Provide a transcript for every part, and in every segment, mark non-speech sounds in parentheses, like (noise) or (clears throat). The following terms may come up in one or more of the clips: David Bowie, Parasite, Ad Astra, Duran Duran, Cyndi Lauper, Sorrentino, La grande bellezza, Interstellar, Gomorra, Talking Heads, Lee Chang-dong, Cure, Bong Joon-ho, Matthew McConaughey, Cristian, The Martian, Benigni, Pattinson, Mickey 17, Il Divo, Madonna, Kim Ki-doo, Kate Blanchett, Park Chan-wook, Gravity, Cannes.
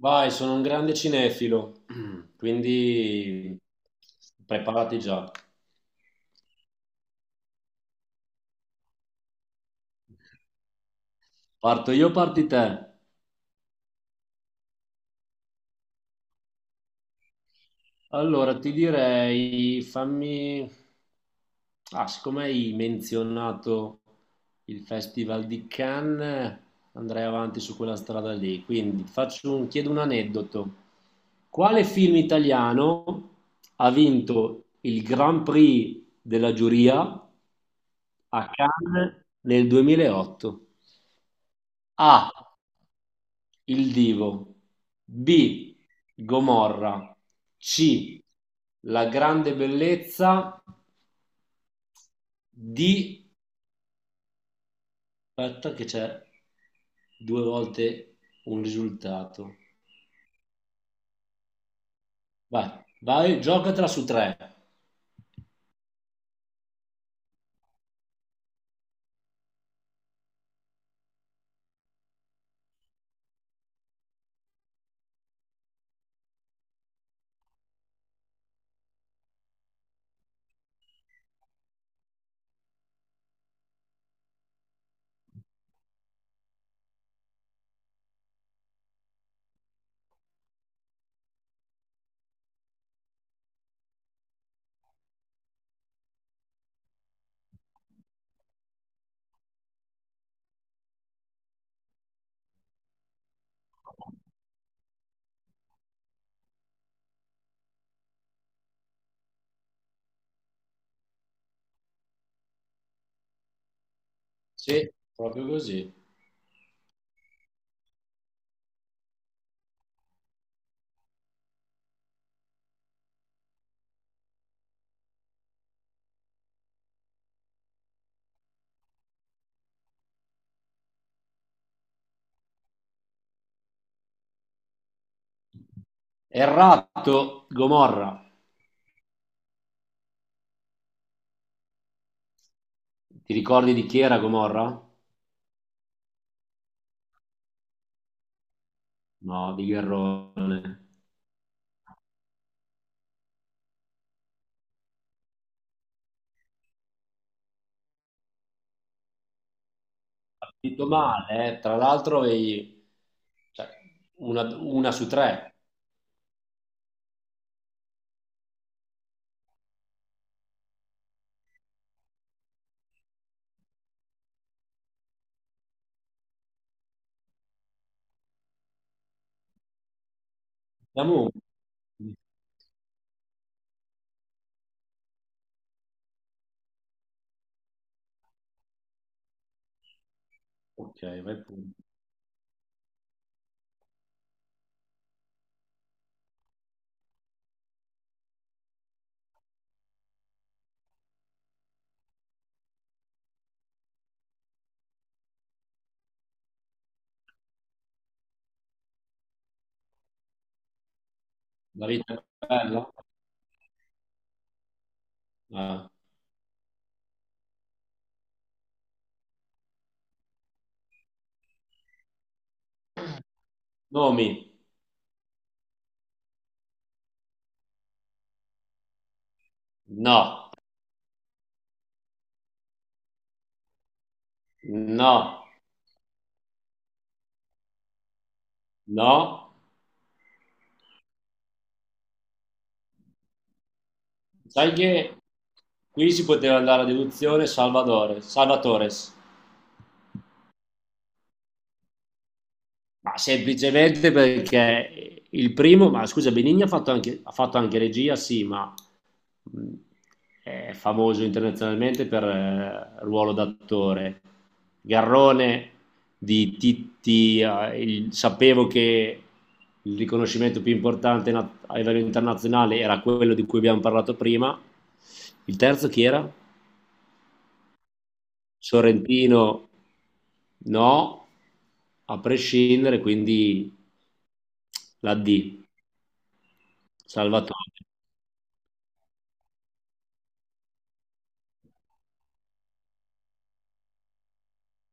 Vai, sono un grande cinefilo, (clears throat) quindi preparati già. Parto io, parti te. Allora, ti direi, fammi... Ah, siccome hai menzionato il Festival di Cannes, andrei avanti su quella strada lì. Quindi ti faccio un... chiedo un aneddoto. Quale film italiano ha vinto il Grand Prix della giuria a Cannes nel 2008? A. Il Divo. B. Gomorra. C. La grande bellezza. D. Aspetta, che c'è due volte un risultato. Vai, vai, giocatela su tre. Sì, proprio così. Errato, Gomorra. Ti ricordi di chi era Gomorra? No, di Gherrone. Partito male, eh. Tra l'altro avevi, cioè, una su tre. Siamo... Ok, vai pure. La vita è bella? Ah. Nomi? No, no, no. Sai che qui si poteva andare a deduzione, Salvatore, Salvatores, ma semplicemente perché il primo, ma scusa, Benigni ha fatto anche regia, sì, ma mh, è famoso internazionalmente per ruolo d'attore. Garrone di Titti, il- sapevo che il riconoscimento più importante na- a livello internazionale era quello di cui abbiamo parlato prima. Il terzo chi era? Sorrentino, no, a prescindere, quindi la D, Salvatore.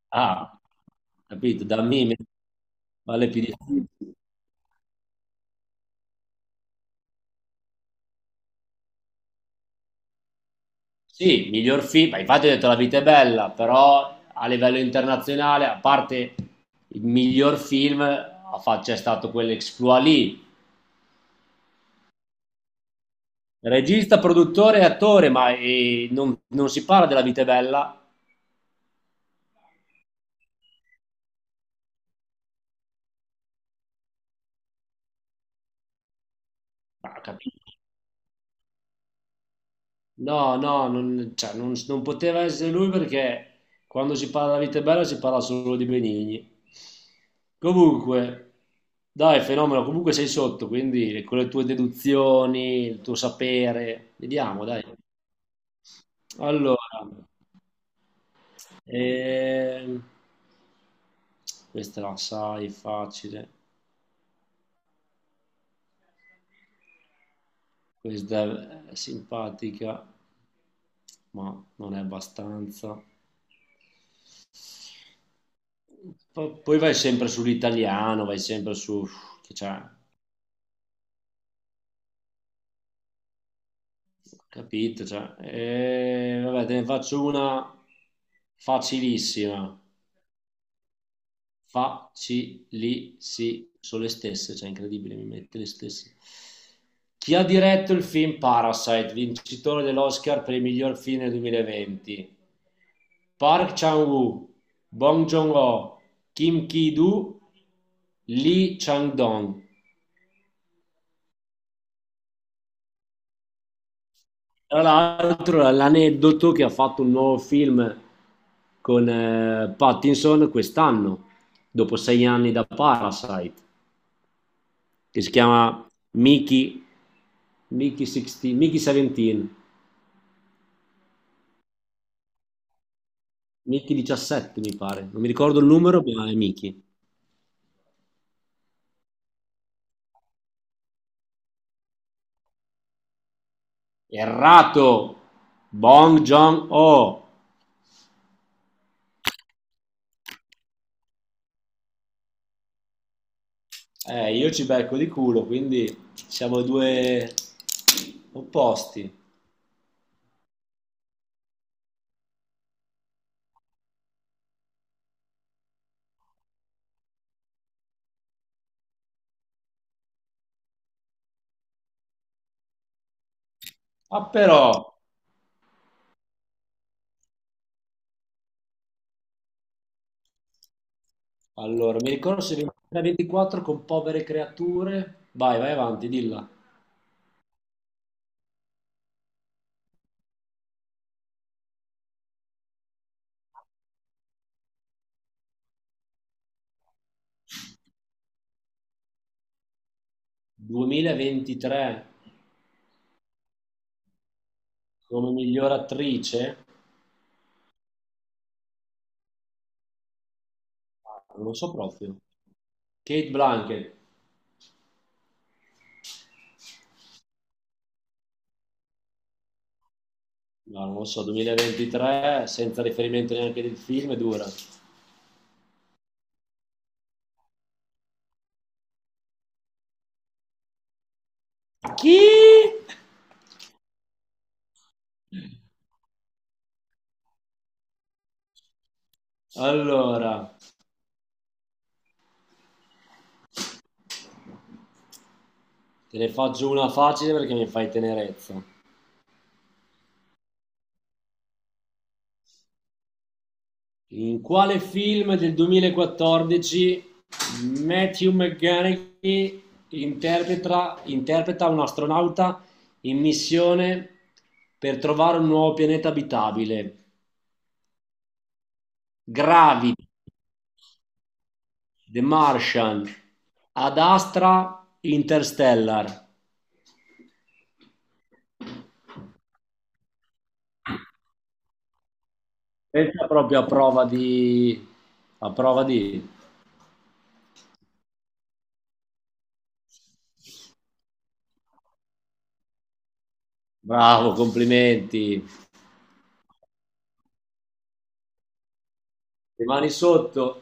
Ah, capito, da me vale più di... Sì, miglior film, ma infatti ho detto La vita è bella, però a livello internazionale, a parte il miglior film, ha fa- c'è stato quell'exploit lì. Regista, produttore e attore, ma non, non si parla della vita è bella. Ma, capito? No, no, non, cioè, non- non poteva essere lui perché quando si parla di vita è bella si parla solo di Benigni. Comunque, dai, fenomeno, comunque sei sotto, quindi con le tue deduzioni, il tuo sapere, vediamo, dai. Allora, ehm, questa la sai, facile, questa è simpatica, ma non è abbastanza. Po- poi vai sempre sull'italiano, vai sempre su... che c'è, capito? Cioè, vabbè, te ne faccio una facilissima, facilissima, sono le stesse, cioè incredibile, mi mette le stesse. Chi ha diretto il film Parasite, vincitore dell'Oscar per il miglior film del 2020? Park Chan-wook, Bong Joon-ho, Kim Ki-doo, Lee Chang-dong. Tra l'altro, l'aneddoto che ha fatto un nuovo film con Pattinson quest'anno, dopo 6 anni da Parasite, che si chiama Mickey, Mickey, 16, Mickey 17, Mickey 17 mi pare, non mi ricordo il numero, ma è Mickey. Errato! Bong Joon-ho! Io ci becco di culo, quindi siamo due opposti. Ma però... Allora, mi ricordo se 23-24 con povere creature. Vai, vai avanti, dilla. 2023 come miglior attrice? Ah, non lo so proprio. Kate Blanchett. No, non lo so, 2023 senza riferimento neanche del film è dura. Chi? Allora, te ne faccio una facile perché mi fai tenerezza. In quale film del 2014 Matthew McConaughey interpreta, interpreta un astronauta in missione per trovare un nuovo pianeta abitabile? Gravity, The Martian, Ad Astra, Interstellar. Questa è proprio a prova di... Bravo, complimenti. Le mani sotto.